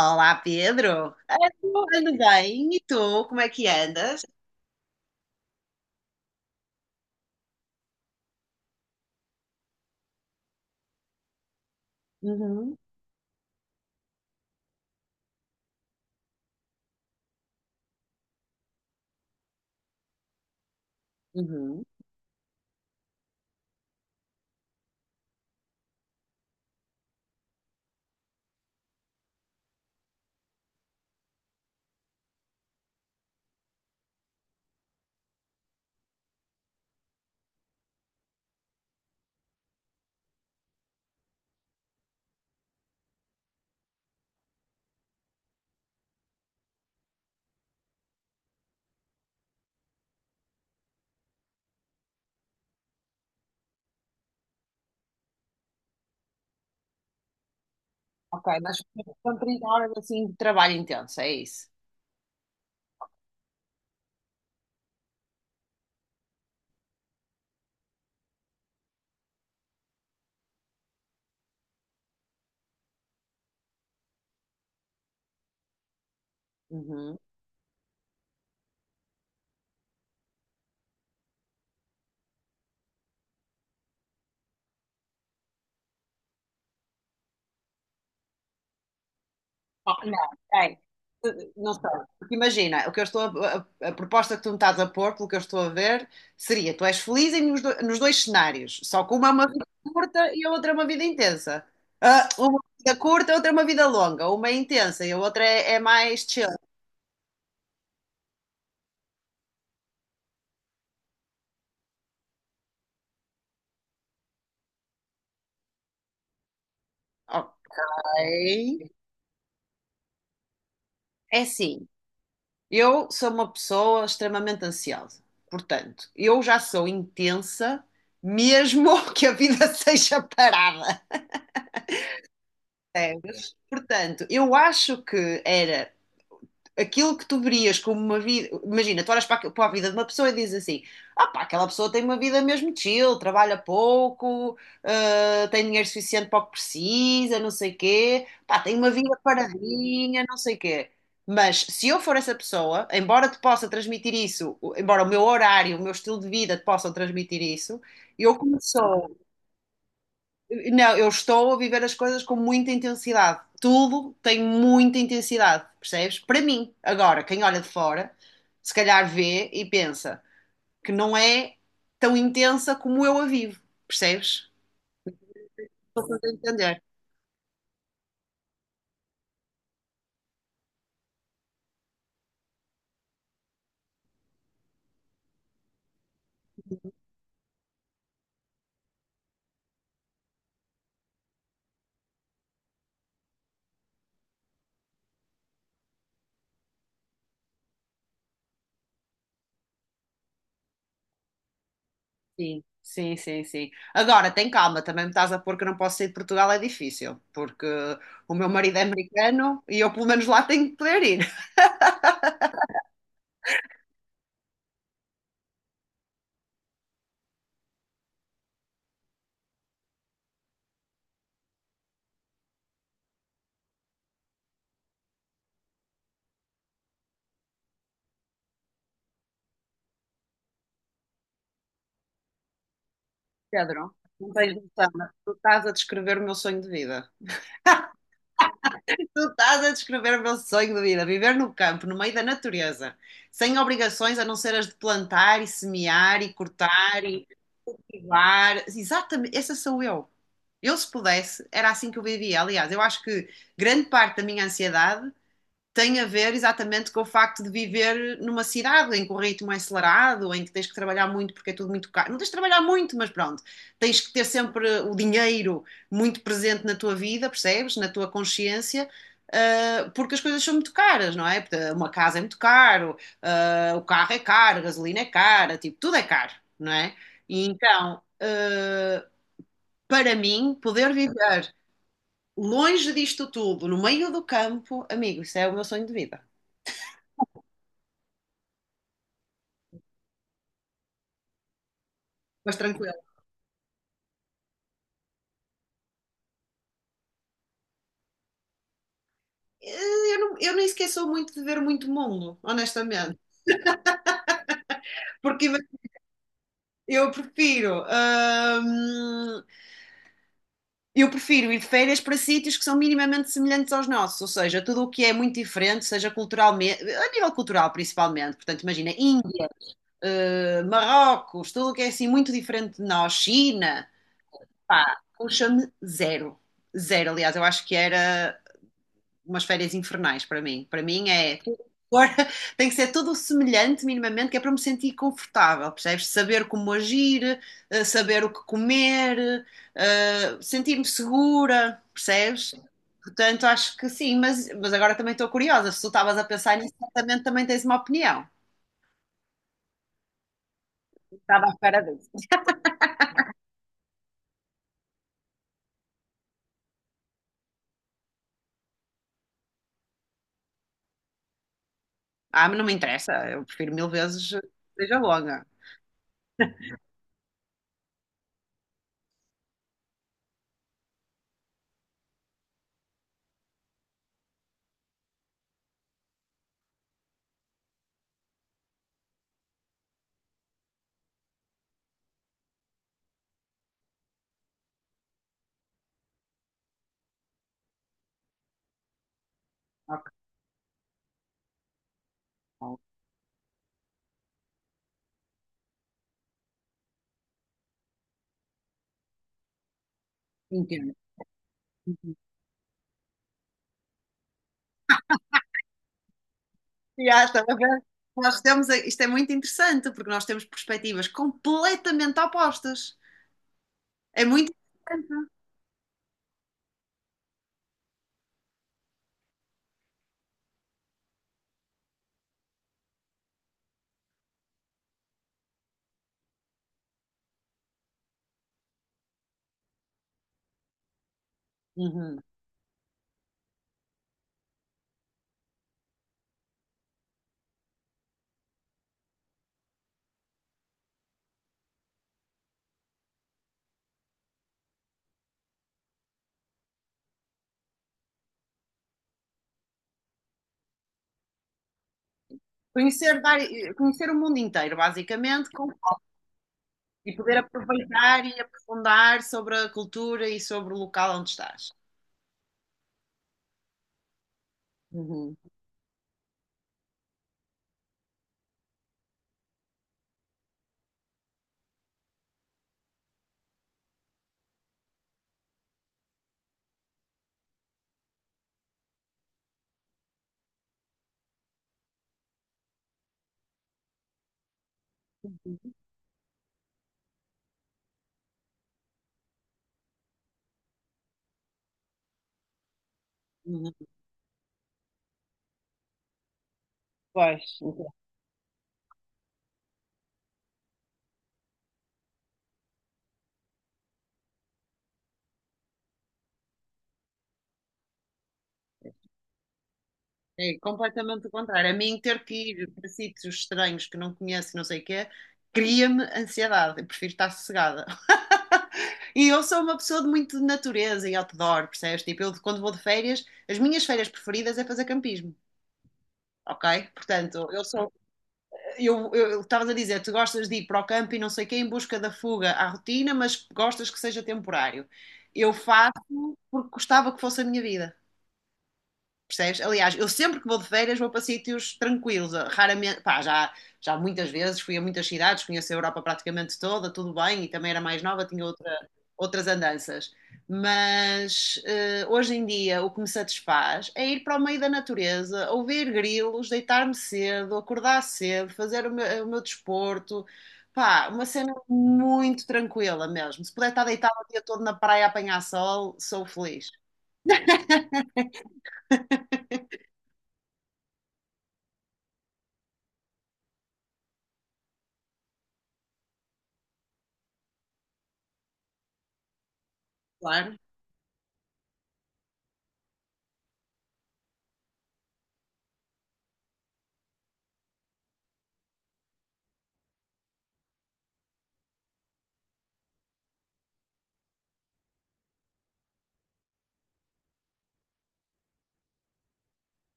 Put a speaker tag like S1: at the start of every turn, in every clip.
S1: Olá, Pedro. Eu ando bem. E tu, como é que andas? Uhum, uhum. Ok, mas são 30 horas assim de trabalho intenso, é isso? Uhum. Oh, não, é, não sei. Porque imagina, o que eu estou a a proposta que tu me estás a pôr, pelo que eu estou a ver, seria: tu és feliz em nos dois cenários, só que uma é uma vida curta e a outra é uma vida intensa. Ah, uma vida curta, a outra é uma vida longa. Uma é intensa e a outra é mais chill. Ok. É assim. Eu sou uma pessoa extremamente ansiosa. Portanto, eu já sou intensa, mesmo que a vida seja parada. Percebes? Portanto, eu acho que era aquilo que tu verias como uma vida. Imagina, tu olhas para a vida de uma pessoa e dizes assim: ah pá, aquela pessoa tem uma vida mesmo chill, trabalha pouco, ah, tem dinheiro suficiente para o que precisa, não sei quê, pá, tem uma vida paradinha, não sei quê. Mas se eu for essa pessoa, embora te possa transmitir isso, embora o meu horário, o meu estilo de vida te possam transmitir isso, eu começou não, eu estou a viver as coisas com muita intensidade. Tudo tem muita intensidade, percebes? Para mim, agora, quem olha de fora, se calhar vê e pensa que não é tão intensa como eu a vivo, percebes? Estou a tentar entender. Sim, sim, sim, sim. Agora, tem calma, também me estás a pôr que eu não posso sair de Portugal, é difícil, porque o meu marido é americano e eu, pelo menos, lá tenho que poder ir. Pedro, não tens noção, mas tu estás a descrever o meu sonho de vida. Tu estás a descrever o meu sonho de vida, viver no campo, no meio da natureza, sem obrigações a não ser as de plantar e semear e cortar e cultivar. Exatamente, essa sou eu. Eu, se pudesse, era assim que eu vivia. Aliás, eu acho que grande parte da minha ansiedade tem a ver exatamente com o facto de viver numa cidade em que o ritmo é acelerado, em que tens que trabalhar muito porque é tudo muito caro. Não tens de trabalhar muito, mas pronto, tens que ter sempre o dinheiro muito presente na tua vida, percebes? Na tua consciência. Porque as coisas são muito caras, não é? Porque uma casa é muito caro, o carro é caro, a gasolina é cara, tipo, tudo é caro, não é? E então, para mim, poder viver longe disto tudo, no meio do campo, amigo, isso é o meu sonho de vida. Mas tranquilo. Eu, não, eu nem sequer sou muito de ver muito mundo, honestamente. Porque ima- eu prefiro, hum, eu prefiro ir de férias para sítios que são minimamente semelhantes aos nossos, ou seja, tudo o que é muito diferente, seja culturalmente, a nível cultural principalmente. Portanto, imagina, Índia, Marrocos, tudo o que é assim muito diferente de nós, China, pá, puxa-me zero. Zero, aliás, eu acho que era umas férias infernais para mim. Para mim é. Agora tem que ser tudo semelhante, minimamente, que é para me sentir confortável, percebes? Saber como agir, saber o que comer, sentir-me segura, percebes? Portanto, acho que sim, mas agora também estou curiosa. Se tu estavas a pensar nisso, certamente também tens uma opinião. Estava à espera disso. Ah, mas não me interessa. Eu prefiro mil vezes que seja longa. Ok, entendo. Já, estás a ver? Nós temos, a- isto é muito interessante, porque nós temos perspectivas completamente opostas. É muito interessante. Uhum. Conhecer, vari- conhecer o mundo inteiro, basicamente, com- e poder aproveitar e aprofundar sobre a cultura e sobre o local onde estás. Uhum. Uhum. Pois, então, é completamente o contrário. A mim, ter que ir para sítios estranhos que não conheço, e não sei o quê, cria-me ansiedade. Eu prefiro estar sossegada. E eu sou uma pessoa de muito de natureza e outdoor, percebes? Tipo, eu quando vou de férias, as minhas férias preferidas é fazer campismo. Ok? Portanto, eu sou. Eu estavas a dizer, tu gostas de ir para o campo e não sei quem em busca da fuga à rotina, mas gostas que seja temporário. Eu faço porque gostava que fosse a minha vida. Percebes? Aliás, eu sempre que vou de férias vou para sítios tranquilos. Já muitas vezes fui a muitas cidades, conheço a Europa praticamente toda, tudo bem, e também era mais nova, tinha outras andanças. Mas hoje em dia o que me satisfaz é ir para o meio da natureza, ouvir grilos, deitar-me cedo, acordar cedo, fazer o meu desporto. Pá, uma cena muito tranquila mesmo. Se puder estar deitado o dia todo na praia a apanhar sol, sou feliz. Claro.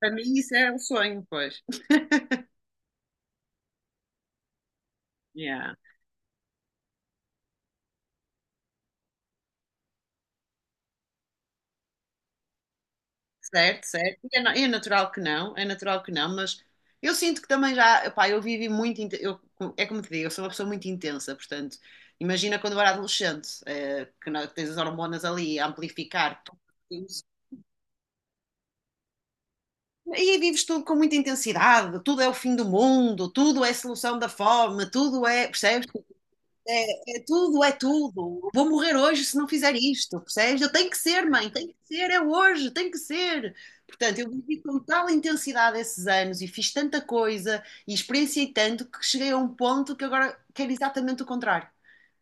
S1: Para mim isso é um sonho, pois. Yeah. Certo, certo. É natural que não, é natural que não, mas eu sinto que também já, pá, eu vivi muito, inte- eu, é como te digo, eu sou uma pessoa muito intensa, portanto, imagina quando eu era adolescente, que tens as hormonas ali a amplificar tudo isso. E aí vives tudo com muita intensidade, tudo é o fim do mundo, tudo é solução da fome, tudo é, percebes? É tudo, é tudo. Vou morrer hoje se não fizer isto, percebes? Eu tenho que ser, mãe, tenho que ser, é hoje, tenho que ser. Portanto, eu vivi com tal intensidade esses anos e fiz tanta coisa e experienciei tanto que cheguei a um ponto que agora quero exatamente o contrário.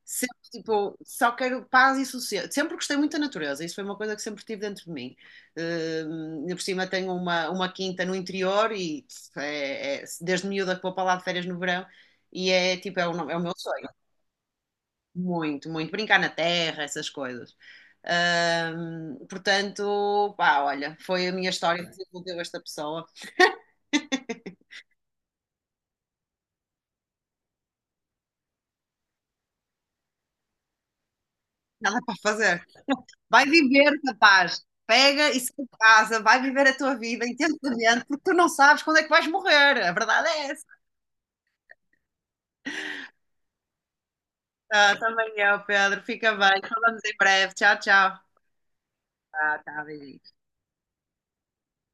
S1: Sempre, tipo, só quero paz e sossego. Sempre gostei muito da natureza, isso foi uma coisa que sempre tive dentro de mim. Ainda por cima tenho uma quinta no interior e desde miúda que vou para lá de férias no verão e é tipo, é o meu sonho. Muito, muito. Brincar na terra, essas coisas. Portanto, pá, olha, foi a minha história que desenvolveu esta pessoa. Nada para fazer. Vai viver, rapaz. Pega e sai de casa, vai viver a tua vida intensamente, porque tu não sabes quando é que vais morrer. A verdade é essa. Ah, também eu, Pedro. Fica bem. Falamos em breve. Tchau, tchau. Tá, tá, beijinho.